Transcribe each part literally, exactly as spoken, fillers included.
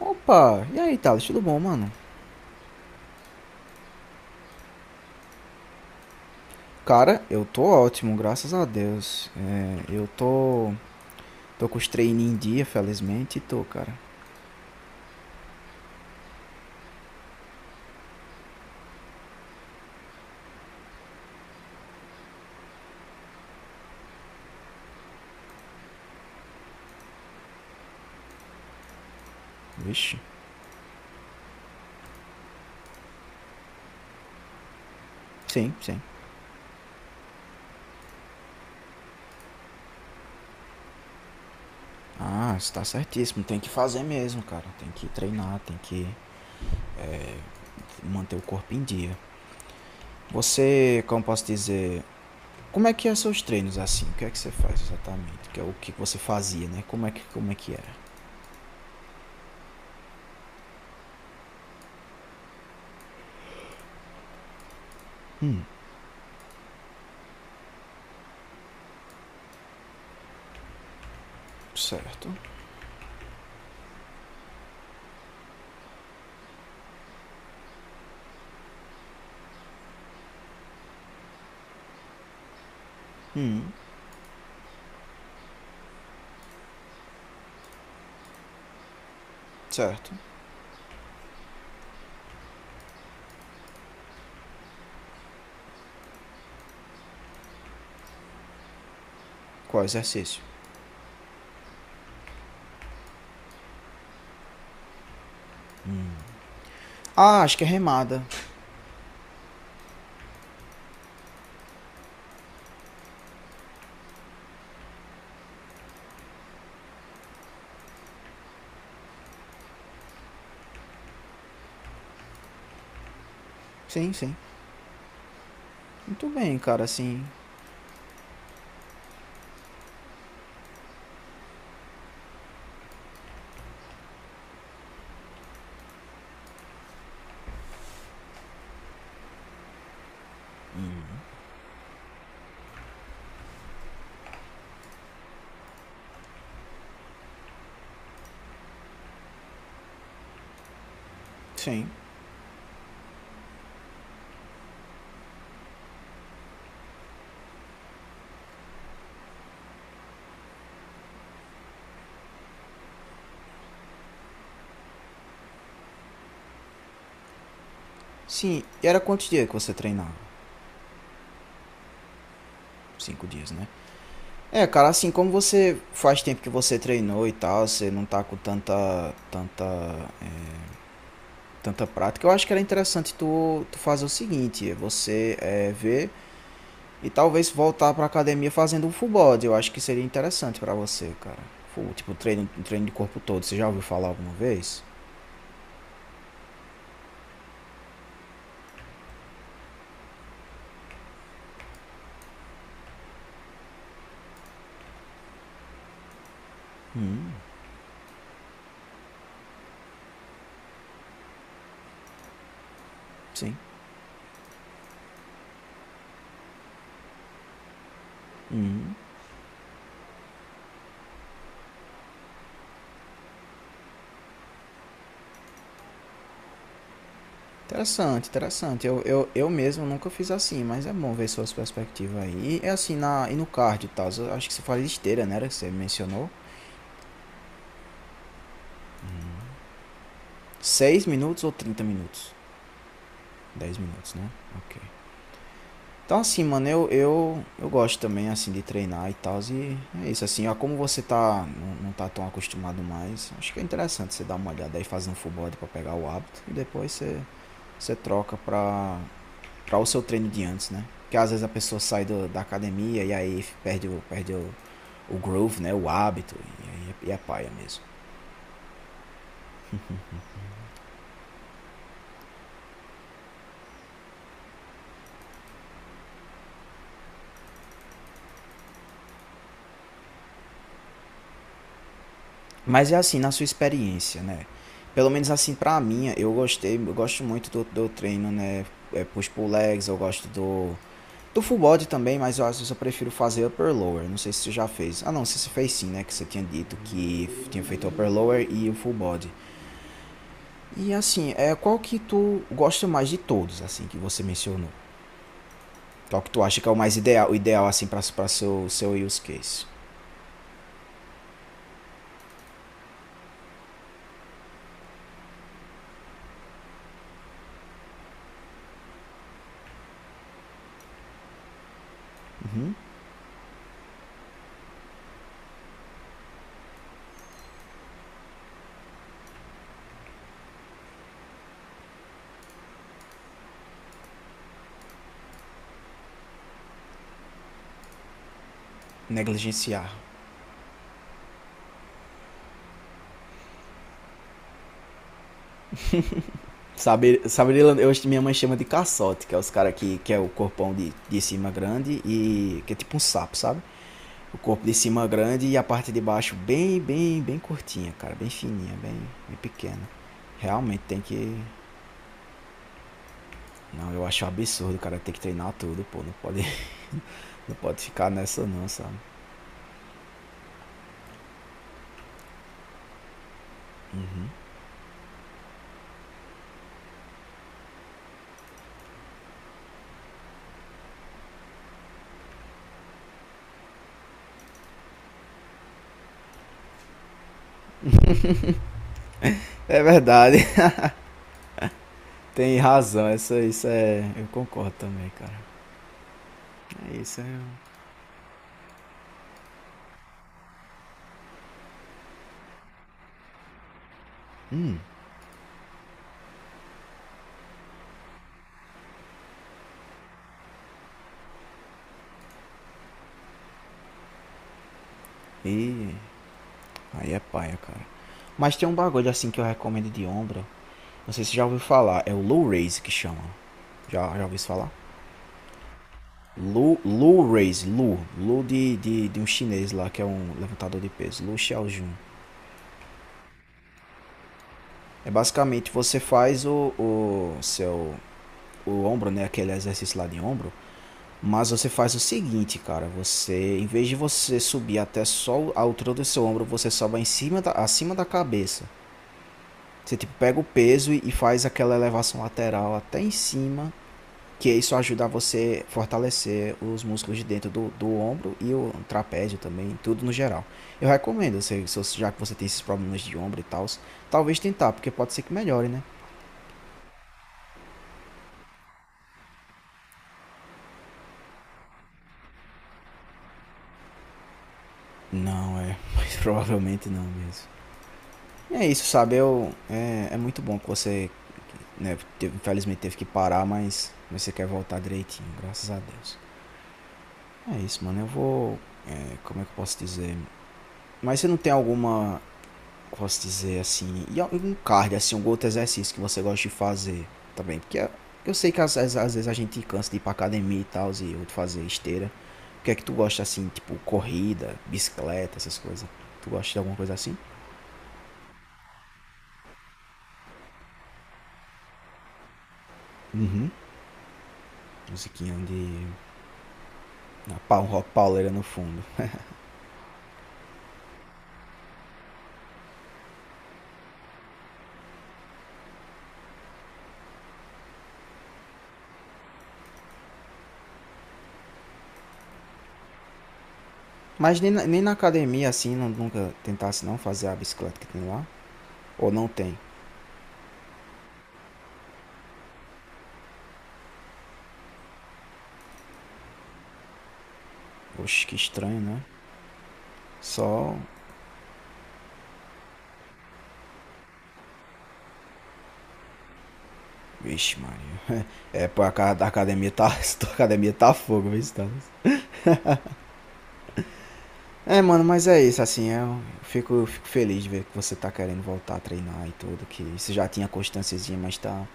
Opa, e aí, Thales? Tudo bom, mano? Cara, eu tô ótimo, graças a Deus. É, eu tô, tô com os treinos em dia, felizmente, e tô, cara. Vixe. Sim, sim. Ah, você tá certíssimo. Tem que fazer mesmo, cara. Tem que treinar, tem que manter o corpo em dia. Você, como posso dizer, como é que é seus treinos assim? O que é que você faz exatamente? Que é o que você fazia, né? Como é que, como é que era? Certo. Hum, certo. Qual exercício? Ah, acho que é remada. Sim, sim. Muito bem, cara, assim, sim. Sim, e era quantos dias que você treinava? Cinco dias, né? É, cara, assim, como você faz tempo que você treinou e tal, você não tá com tanta, tanta, é, tanta prática, eu acho que era interessante tu, tu fazer o seguinte, é você é, ver e talvez voltar pra academia fazendo um full body, eu acho que seria interessante pra você, cara. Full, tipo, treino, treino de corpo todo, você já ouviu falar alguma vez? Hum, sim. Hum. Interessante, interessante. Eu, eu, eu mesmo nunca fiz assim, mas é bom ver suas perspectivas aí. E é assim, na, e no card e tal, eu acho que você fala de esteira, né? Era que você mencionou. Seis minutos ou trinta minutos? Dez minutos, né? Ok. Então assim, mano, eu, eu, eu gosto também, assim, de treinar e tal, e é isso, assim, ó, como você tá, não, não tá tão acostumado mais, acho que é interessante você dar uma olhada aí, fazer um full body pra pegar o hábito, e depois você, você troca pra, para o seu treino de antes, né? Porque às vezes a pessoa sai do, da academia e aí perde o, perde o, o groove, né? O hábito e, aí é paia mesmo. Mas é assim, na sua experiência, né? Pelo menos assim pra mim, eu gostei, eu gosto muito do, do treino, né? É, push pull legs, eu gosto do do full body também, mas eu às vezes eu prefiro fazer upper lower. Não sei se você já fez. Ah, não, se você fez sim, né? Que você tinha dito que tinha feito upper lower e o full body. E assim, é qual que tu gosta mais de todos, assim, que você mencionou? Qual que tu acha que é o mais ideal, o ideal assim para para seu seu use case? Uhum. Negligenciar. Saber, saber, eu, minha mãe chama de caçote, que é os caras que, que é o corpão de, de cima grande e que é tipo um sapo, sabe? O corpo de cima grande e a parte de baixo bem, bem, bem curtinha, cara, bem fininha, bem, bem pequena. Realmente tem que não, eu acho um absurdo, cara, ter que treinar tudo, pô, não pode, não pode ficar nessa não, sabe? Uhum. É verdade, tem razão, essa, isso é, eu concordo também, cara. É isso aí. Hum, e aí é paia, cara. Mas tem um bagulho assim que eu recomendo de ombro. Não sei se você já ouviu falar, é o low raise que chama. Já, já ouviu falar? Low, low raise, low. Low de, de, de um chinês lá que é um levantador de peso, low Xiaojun. É basicamente você faz o, o seu o ombro, né, aquele exercício lá de ombro, mas você faz o seguinte, cara, você em vez de você subir até só a altura do seu ombro, você sobe em cima da, acima da cabeça. Você tipo pega o peso e faz aquela elevação lateral até em cima, que isso ajuda você a fortalecer os músculos de dentro do, do ombro e o trapézio também, tudo no geral. Eu recomendo, se, se, já que você tem esses problemas de ombro e tal, talvez tentar, porque pode ser que melhore, né? Não, é, mas provavelmente não mesmo. É isso, sabe? Eu, é, é muito bom que você, né, teve- infelizmente teve que parar, mas você quer voltar direitinho, graças a Deus. É isso, mano. Eu vou. É, como é que eu posso dizer? Mas você não tem alguma, posso dizer assim, e algum cardio, assim, algum outro exercício que você gosta de fazer também? Porque eu- sei que às, às- às vezes a gente cansa de ir pra academia e tal, e eu de fazer esteira. O que é que tu gosta assim, tipo corrida, bicicleta, essas coisas? Tu gosta de alguma coisa assim? Uhum. Musiquinha de. Uma pau- um rock pauleira no fundo. Mas nem na, nem na academia assim, não, nunca tentasse não fazer a bicicleta que tem lá? Ou não tem? Oxe, que estranho, né? Só. Vixe, Maria. É, pô, a, ca- a academia tá. A academia tá fogo, viu, Stanis? É, mano, mas é isso, assim, eu fico, eu fico feliz de ver que você tá querendo voltar a treinar e tudo, que você já tinha constânciazinha, mas tá,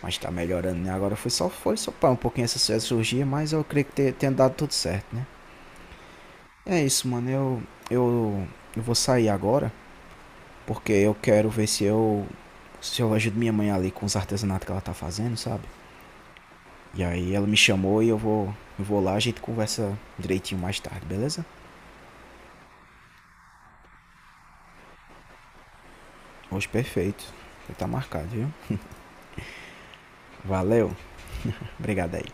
mas tá melhorando, né? Agora foi só, foi só pra um pouquinho essa essa cirurgia, mas eu creio que te- tenha dado tudo certo, né? É isso, mano, eu, eu, eu vou sair agora, porque eu quero ver se eu, se eu ajudo minha mãe ali com os artesanatos que ela tá fazendo, sabe? E aí ela me chamou e eu vou, eu vou lá, a gente conversa direitinho mais tarde, beleza? Hoje perfeito. Ele tá marcado, viu? Valeu. Obrigado aí.